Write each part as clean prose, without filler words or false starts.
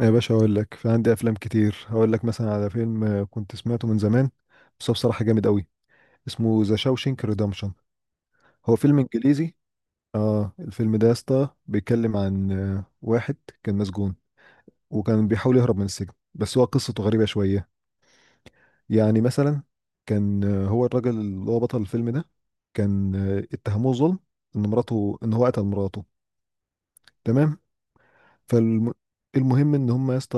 يا باشا اقول لك في عندي افلام كتير هقول لك مثلا على فيلم كنت سمعته من زمان. بس هو بصراحه جامد قوي. اسمه ذا شاوشينك ريدمشن. هو فيلم انجليزي. اه الفيلم ده يا اسطى بيتكلم عن واحد كان مسجون، وكان بيحاول يهرب من السجن، بس هو قصته غريبه شويه. يعني مثلا كان هو الراجل اللي هو بطل الفيلم ده كان اتهموه ظلم ان مراته ان هو قتل مراته. تمام. فالمهم ان هم يا اسطى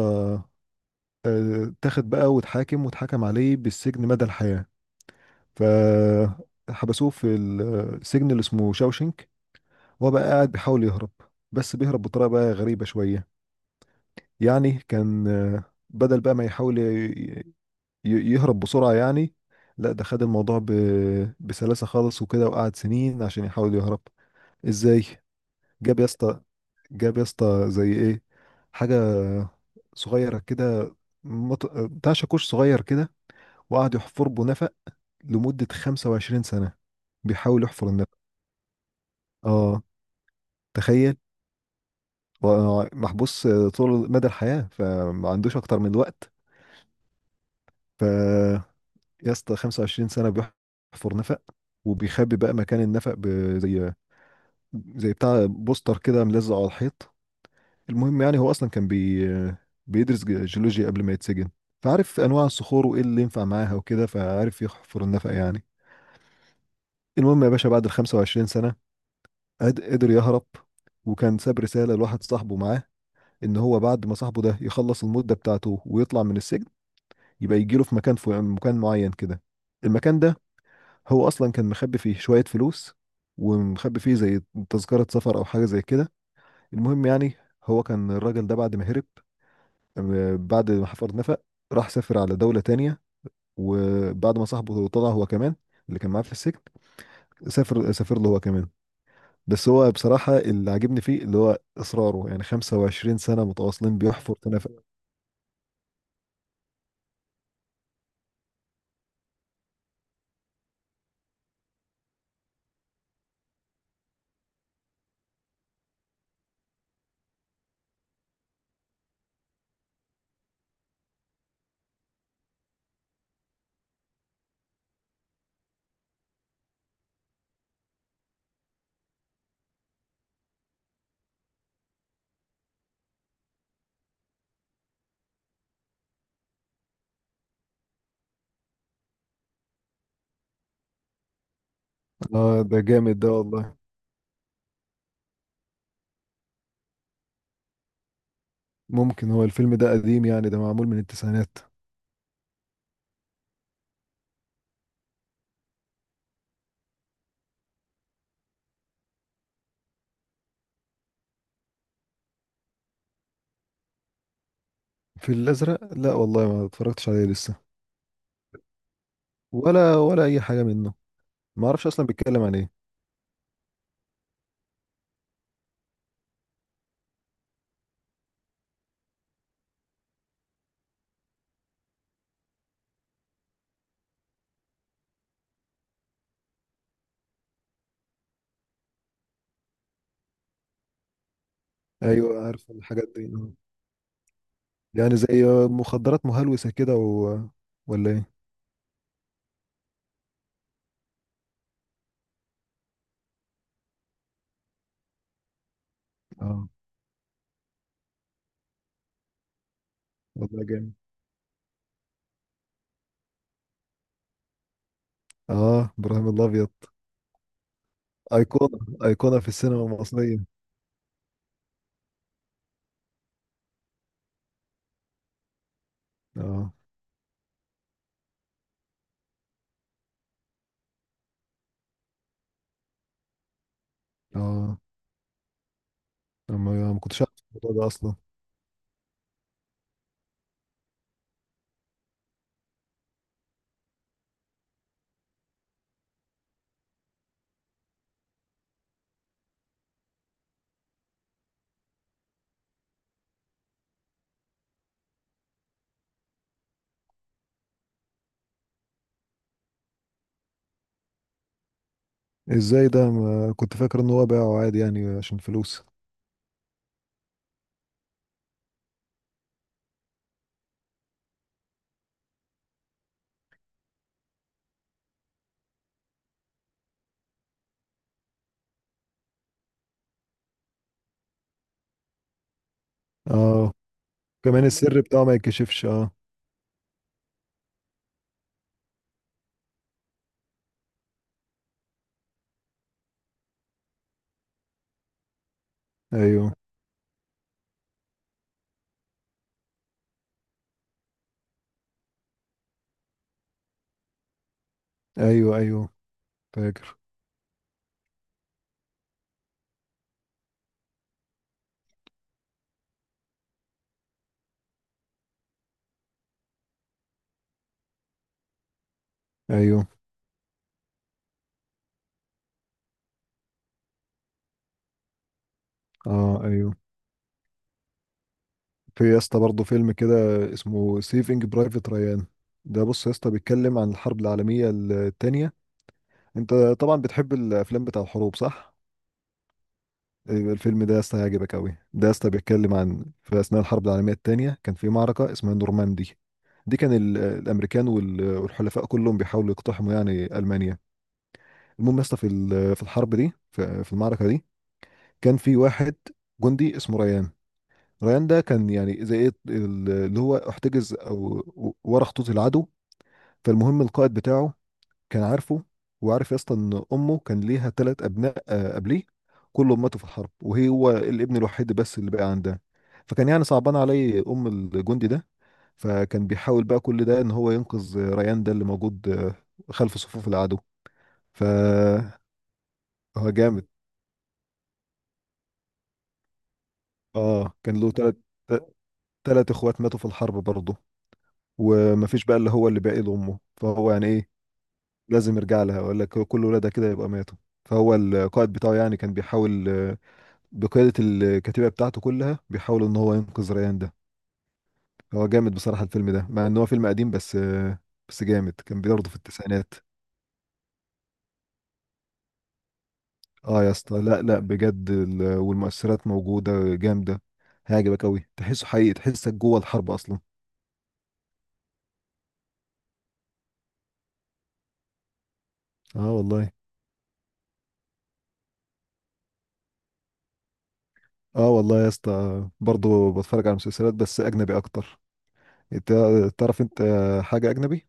اتاخد بقى واتحاكم واتحكم عليه بالسجن مدى الحياة. فحبسوه في السجن اللي اسمه شاوشنك، وهو بقى قاعد بيحاول يهرب، بس بيهرب بطريقة بقى غريبة شوية. يعني كان بدل بقى ما يحاول يهرب بسرعة يعني. لا ده خد الموضوع بسلاسة خالص وكده، وقعد سنين عشان يحاول يهرب. ازاي؟ جاب يا اسطى، جاب يا اسطى زي ايه؟ حاجة صغيرة كده، بتاع شاكوش صغير كده، وقعد يحفر بنفق لمدة 25 سنة بيحاول يحفر النفق. اه تخيل. هو محبوس طول مدى الحياة فما عندوش أكتر من الوقت. ف يا اسطى 25 سنة بيحفر نفق، وبيخبي بقى مكان النفق زي بتاع بوستر كده ملزق على الحيط. المهم يعني هو أصلا كان بيدرس جيولوجيا قبل ما يتسجن، فعارف أنواع الصخور وإيه اللي ينفع معاها وكده، فعارف يحفر النفق يعني. المهم يا باشا بعد ال 25 سنة قدر يهرب، وكان ساب رسالة لواحد صاحبه معاه، إن هو بعد ما صاحبه ده يخلص المدة بتاعته ويطلع من السجن يبقى يجيله في مكان معين كده. المكان ده هو أصلا كان مخبي فيه شوية فلوس، ومخبي فيه زي تذكرة سفر أو حاجة زي كده. المهم يعني هو كان الراجل ده بعد ما هرب بعد ما حفر نفق، راح سافر على دولة تانية. وبعد ما صاحبه طلع هو كمان اللي كان معاه في السجن، سافر له هو كمان. بس هو بصراحة اللي عاجبني فيه اللي هو إصراره يعني، 25 سنة متواصلين بيحفر تنف. آه ده جامد ده والله. ممكن هو الفيلم ده قديم يعني، ده معمول من التسعينات. في الأزرق لا والله ما اتفرجتش عليه لسه. ولا أي حاجة منه. ما أعرفش أصلا بيتكلم عن إيه. أيوه عارف الحاجات دي، آه. يعني زي مخدرات مهلوسة كده و، ولا إيه؟ آه والله جامد. آه إبراهيم الأبيض. أيقونة. أيقونة في السينما المصرية. آه. آه أنا ما كنتش أعرف الموضوع ده أصلا. ازاي ده ما كنت فاكر ان هو باعه عادي يعني عشان فلوس. اه كمان السر بتاعه ما يتكشفش، اه. ايوه، ايوه، ايوه. فاكر، ايوه. اه، ايوه. في يا اسطى برضه فيلم كده، اسمه سيفنج برايفت ريان. ده بص يا اسطى بيتكلم عن الحرب العالميه الثانيه. انت طبعا بتحب الافلام بتاع الحروب، صح؟ أيوة، الفيلم ده يا اسطى هيعجبك قوي. ده يا اسطى بيتكلم عن في اثناء الحرب العالميه الثانيه كان في معركه اسمها نورماندي. دي كان الامريكان والحلفاء كلهم بيحاولوا يقتحموا يعني المانيا. المهم يا اسطى في في الحرب دي في المعركه دي كان في واحد جندي اسمه ريان. ريان ده كان يعني زي ايه اللي هو احتجز او ورا خطوط العدو. فالمهم القائد بتاعه كان عارفه وعارف يا اسطى ان امه كان ليها ثلاث ابناء قبليه، كلهم ماتوا في الحرب، وهي هو الابن الوحيد بس اللي بقى عندها. فكان يعني صعبان عليه ام الجندي ده، فكان بيحاول بقى كل ده ان هو ينقذ ريان ده اللي موجود خلف صفوف العدو. ف هو جامد. اه كان له ثلاث اخوات ماتوا في الحرب برضه، ومفيش بقى اللي هو اللي باقي لامه، فهو يعني ايه لازم يرجع لها، ولا كل ولادها كده يبقى ماتوا. فهو القائد بتاعه يعني كان بيحاول بقيادة الكتيبة بتاعته كلها بيحاول ان هو ينقذ ريان ده. هو جامد بصراحة الفيلم ده، مع ان هو فيلم قديم، بس جامد. كان برضه في التسعينات. اه يا اسطى، لا لا بجد والمؤثرات موجودة جامدة. هيعجبك قوي، تحسه حقيقي، تحسك جوه الحرب اصلا. اه والله. اه والله يا اسطى برضه بتفرج على مسلسلات، بس اجنبي اكتر. انت تعرف انت حاجة اجنبي؟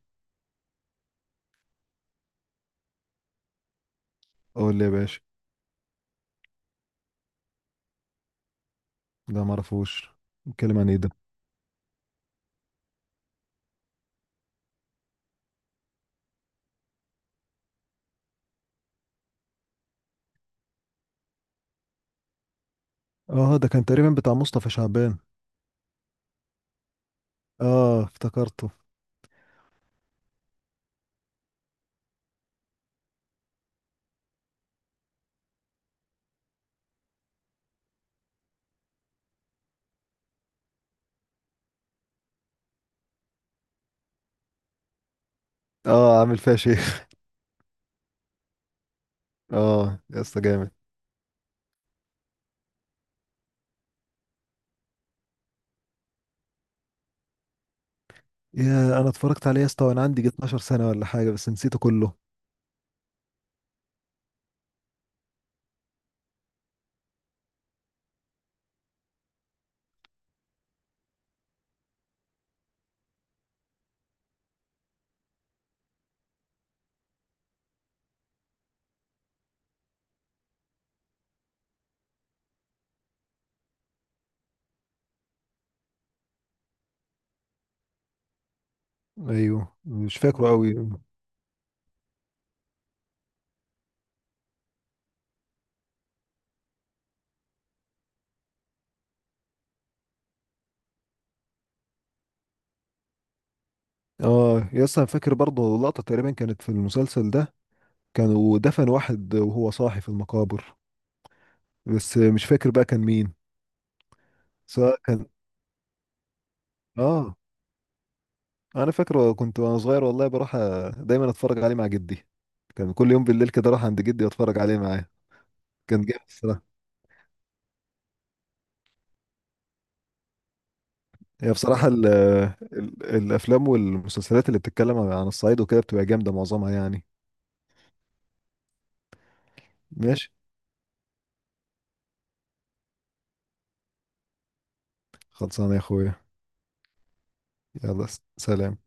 قول لي يا باشا. لا معرفوش. بيتكلم عن ايه ده؟ اه ده كان تقريبا بتاع مصطفى شعبان. اه افتكرته. اه عامل فيها شيء. اه يا اسطى جامد. يا انا اتفرجت عليه يا اسطى وانا عندي 12 سنه ولا حاجه، بس نسيته كله. ايوه مش فاكره قوي. اه يا اسطى انا فاكر برضه لقطه تقريبا كانت في المسلسل ده، كانوا دفن واحد وهو صاحي في المقابر، بس مش فاكر بقى كان مين. سواء كان. اه انا فاكره كنت وانا صغير والله بروح دايما اتفرج عليه مع جدي. كان كل يوم بالليل كده اروح عند جدي واتفرج عليه معاه. كان جامد. هي بصراحة ال ال الأفلام والمسلسلات اللي بتتكلم عن الصعيد وكده بتبقى جامدة معظمها يعني. ماشي. خلصانة يا أخويا. يلا سلام.